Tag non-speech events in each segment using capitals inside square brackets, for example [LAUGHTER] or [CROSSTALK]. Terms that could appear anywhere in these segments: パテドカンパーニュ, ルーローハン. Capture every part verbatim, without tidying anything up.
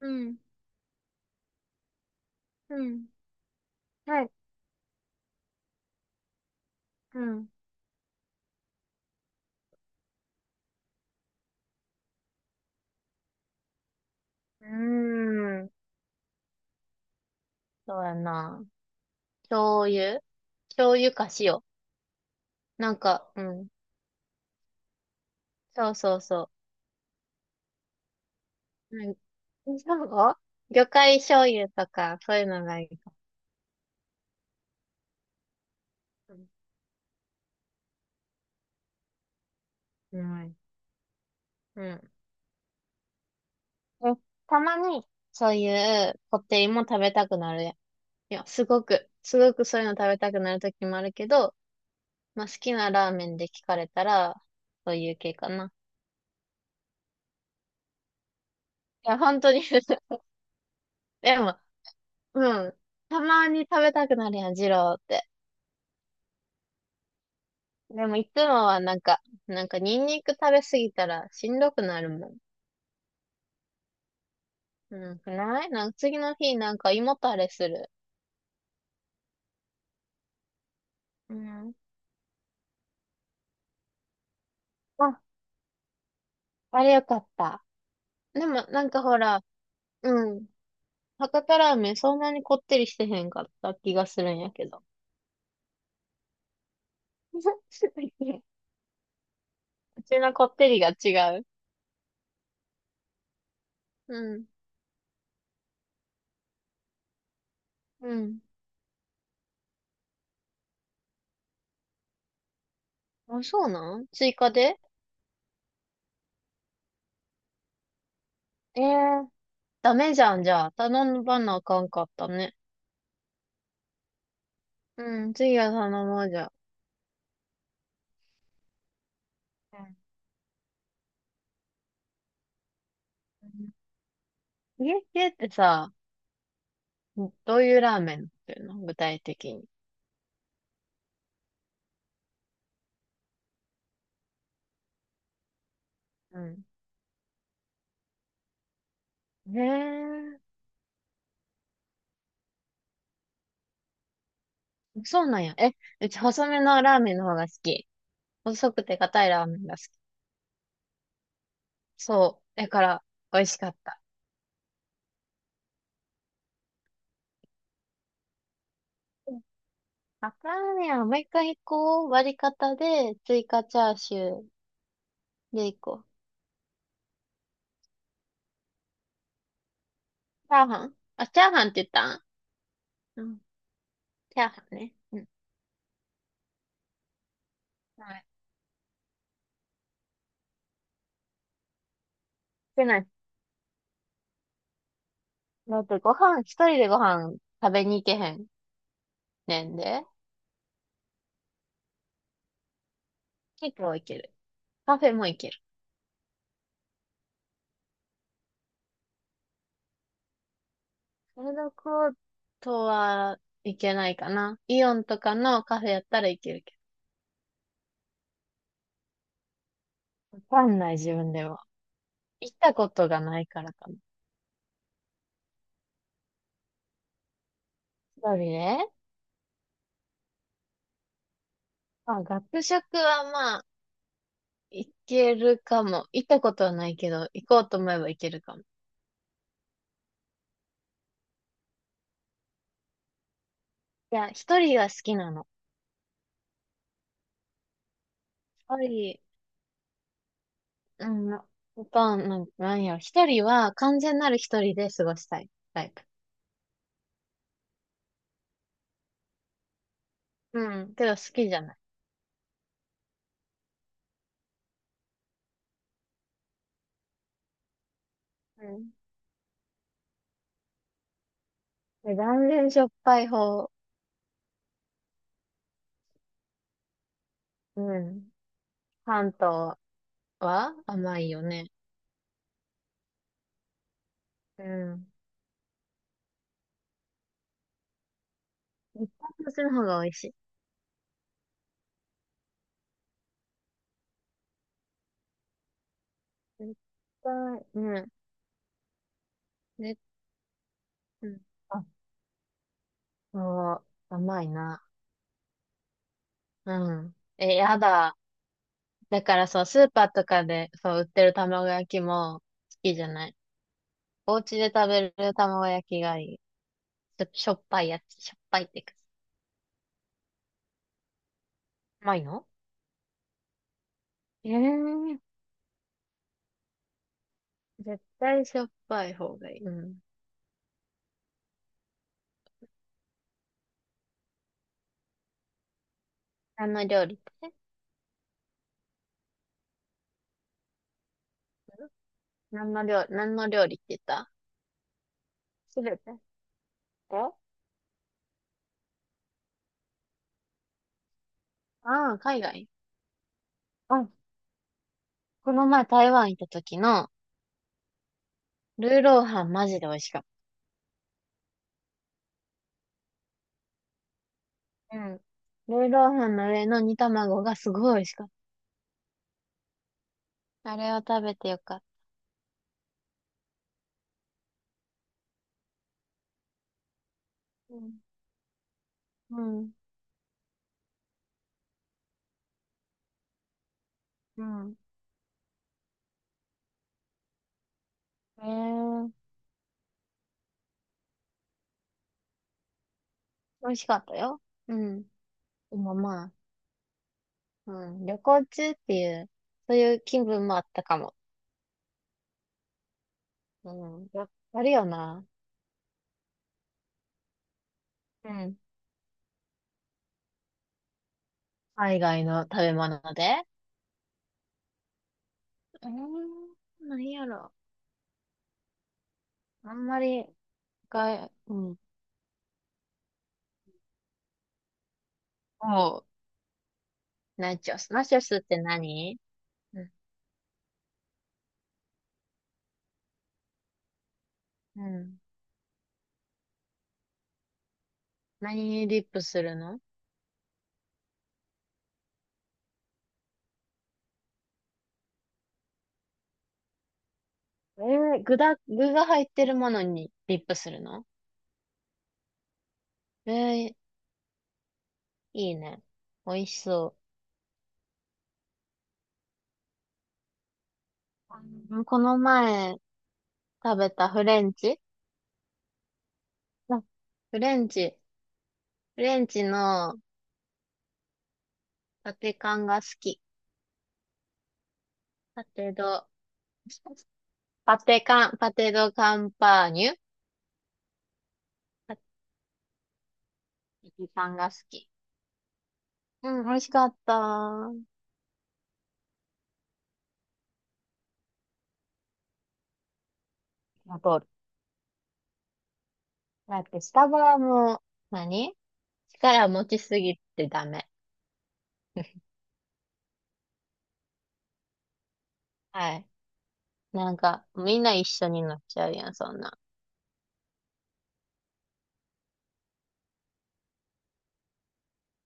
うん、うん、はい、うん。うーん、そうやな。醤油醤油か塩。なんか、うん。そうそうそう。うん。そう、魚介醤油とか、そういうのがいいかも。うん。うん。え、たまに、そういうこってりも食べたくなるやん。いや、すごく、すごくそういうの食べたくなるときもあるけど、まあ、好きなラーメンで聞かれたら、そういう系かな。いや、本当に。 [LAUGHS] でも、うん。たまに食べたくなるやん、二郎って。でもいつもはなんか、なんかニンニク食べすぎたらしんどくなるもん。うん、ないなんか次の日なんか胃もたれする。うん。あ、あれよかった。でもなんかほら、うん。博多ラーメンそんなにこってりしてへんかった気がするんやけど。[LAUGHS] うちのこってりが違う。うん。うん。あ、そうなん？追加で？ええー、ダメじゃん、じゃあ。頼ばなあかんかったね。うん、次は頼もうじゃあ。うん。家、家ってさ、どういうラーメンなっていうの具体的に。うん。へえ、そうなんや。え、うち細めのラーメンの方が好き。細くて硬いラーメンが好き。そう。だから、美味しかった。うん。あかんやん。もう一回こう。割り方で、追加チャーシューでいこう。チャーハン、あ、チャーハンって言ったん？うん。チャーハンね。うん。はい。してない。だってご飯、一人でご飯食べに行けへんねんで。結構いける。カフェもいける。フードコートはいけないかな。イオンとかのカフェやったらいけるけど。わかんない自分では。行ったことがないからかな。一人ね。まあ、学食はまあ、行けるかも。行ったことはないけど、行こうと思えば行けるかも。いや、一人が好きなの。一人、うん、ほとんど、なんなんやろ。一人は完全なる一人で過ごしたいタイプ。うん、けど好きじゃない。うん。で、断然しょっぱい方。うん。関東は甘いよね。うん。絶対こっちの方が美味しい。絶対、うん。ね、うん。あ、そう、甘いな。うん。え、やだ。だからそう、スーパーとかで、そう、売ってる卵焼きも好きじゃない。お家で食べる卵焼きがいい。ちょっとしょっぱいやつ、しょっぱいっていうか。甘いの？ええー、絶対しょっぱい方がいい。うん。何の料理って？何の料理、何の料理って言った？すべて。こ、ああー、海外。うん。この前台湾行った時の、ルーローハンマジで美味しかった。うん。た。ルーローハンの上の煮卵がすごい美味しかった。あれを食べてよかった。うん。うん。うん。ええ、美味しかったよ。うん。でもまあ、うん、旅行中っていう、そういう気分もあったかも。うん。やっぱりよな。うん。海外の食べ物で。うーん、何やろ。あんまり、が、うん。も、ナチョス。ナチョスって何？うん。うん。何にリップするの？えー、具だ、具が入ってるものにリップするの？えー、いいね。美味しそう。うん。この前食べたフレンチ、あ、フレンチ。フレンチのパテカンが好き。パテド、パテカン、パテドカンパーニュ。パテカンが好き。うん、美味しかった。あと。だってスタバも、何、力持ちすぎてダメ。はい。なんか、みんな一緒になっちゃうやん、そんな。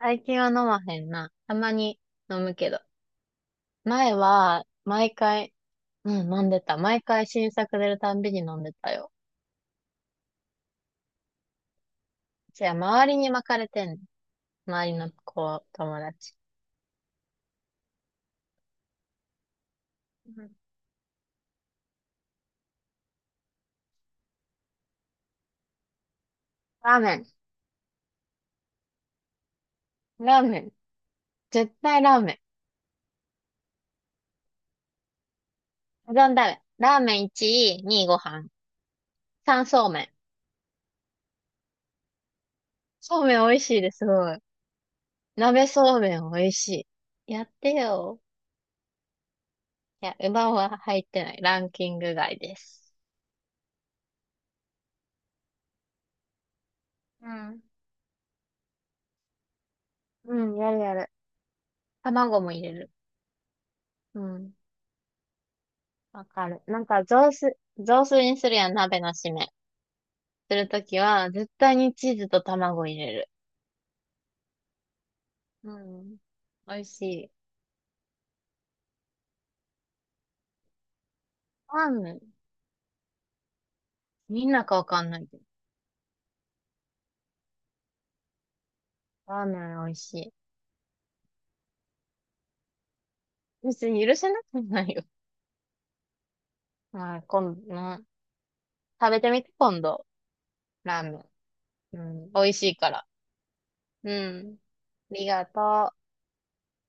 最近は飲まへんな。たまに飲むけど。前は、毎回、うん、飲んでた。毎回新作出るたんびに飲んでたよ。じゃあ、周りに巻かれてんねん。周りの子、友達。うん。ラーメン。ラーメン。絶対ラーメン。うどんだめ。ラーメンいちい、にいご飯。さんそうめん。そうめん美味しいです、すごい。鍋そうめん美味しい。やってよ。いや、うどんは入ってない。ランキング外です。うん。うん、やるやる。卵も入れる。うん。わかる。なんか雑炊、雑炊にするやん、鍋の締め。するときは、絶対にチーズと卵入れる。うん。美味しい。ラーメン。みんなかわかんないけど。ラーメン美味しい。別に許せなくないよ。はい、今度、うん、食べてみて、今度。ラーメン。うん。美味しいから。うん。ありがとう。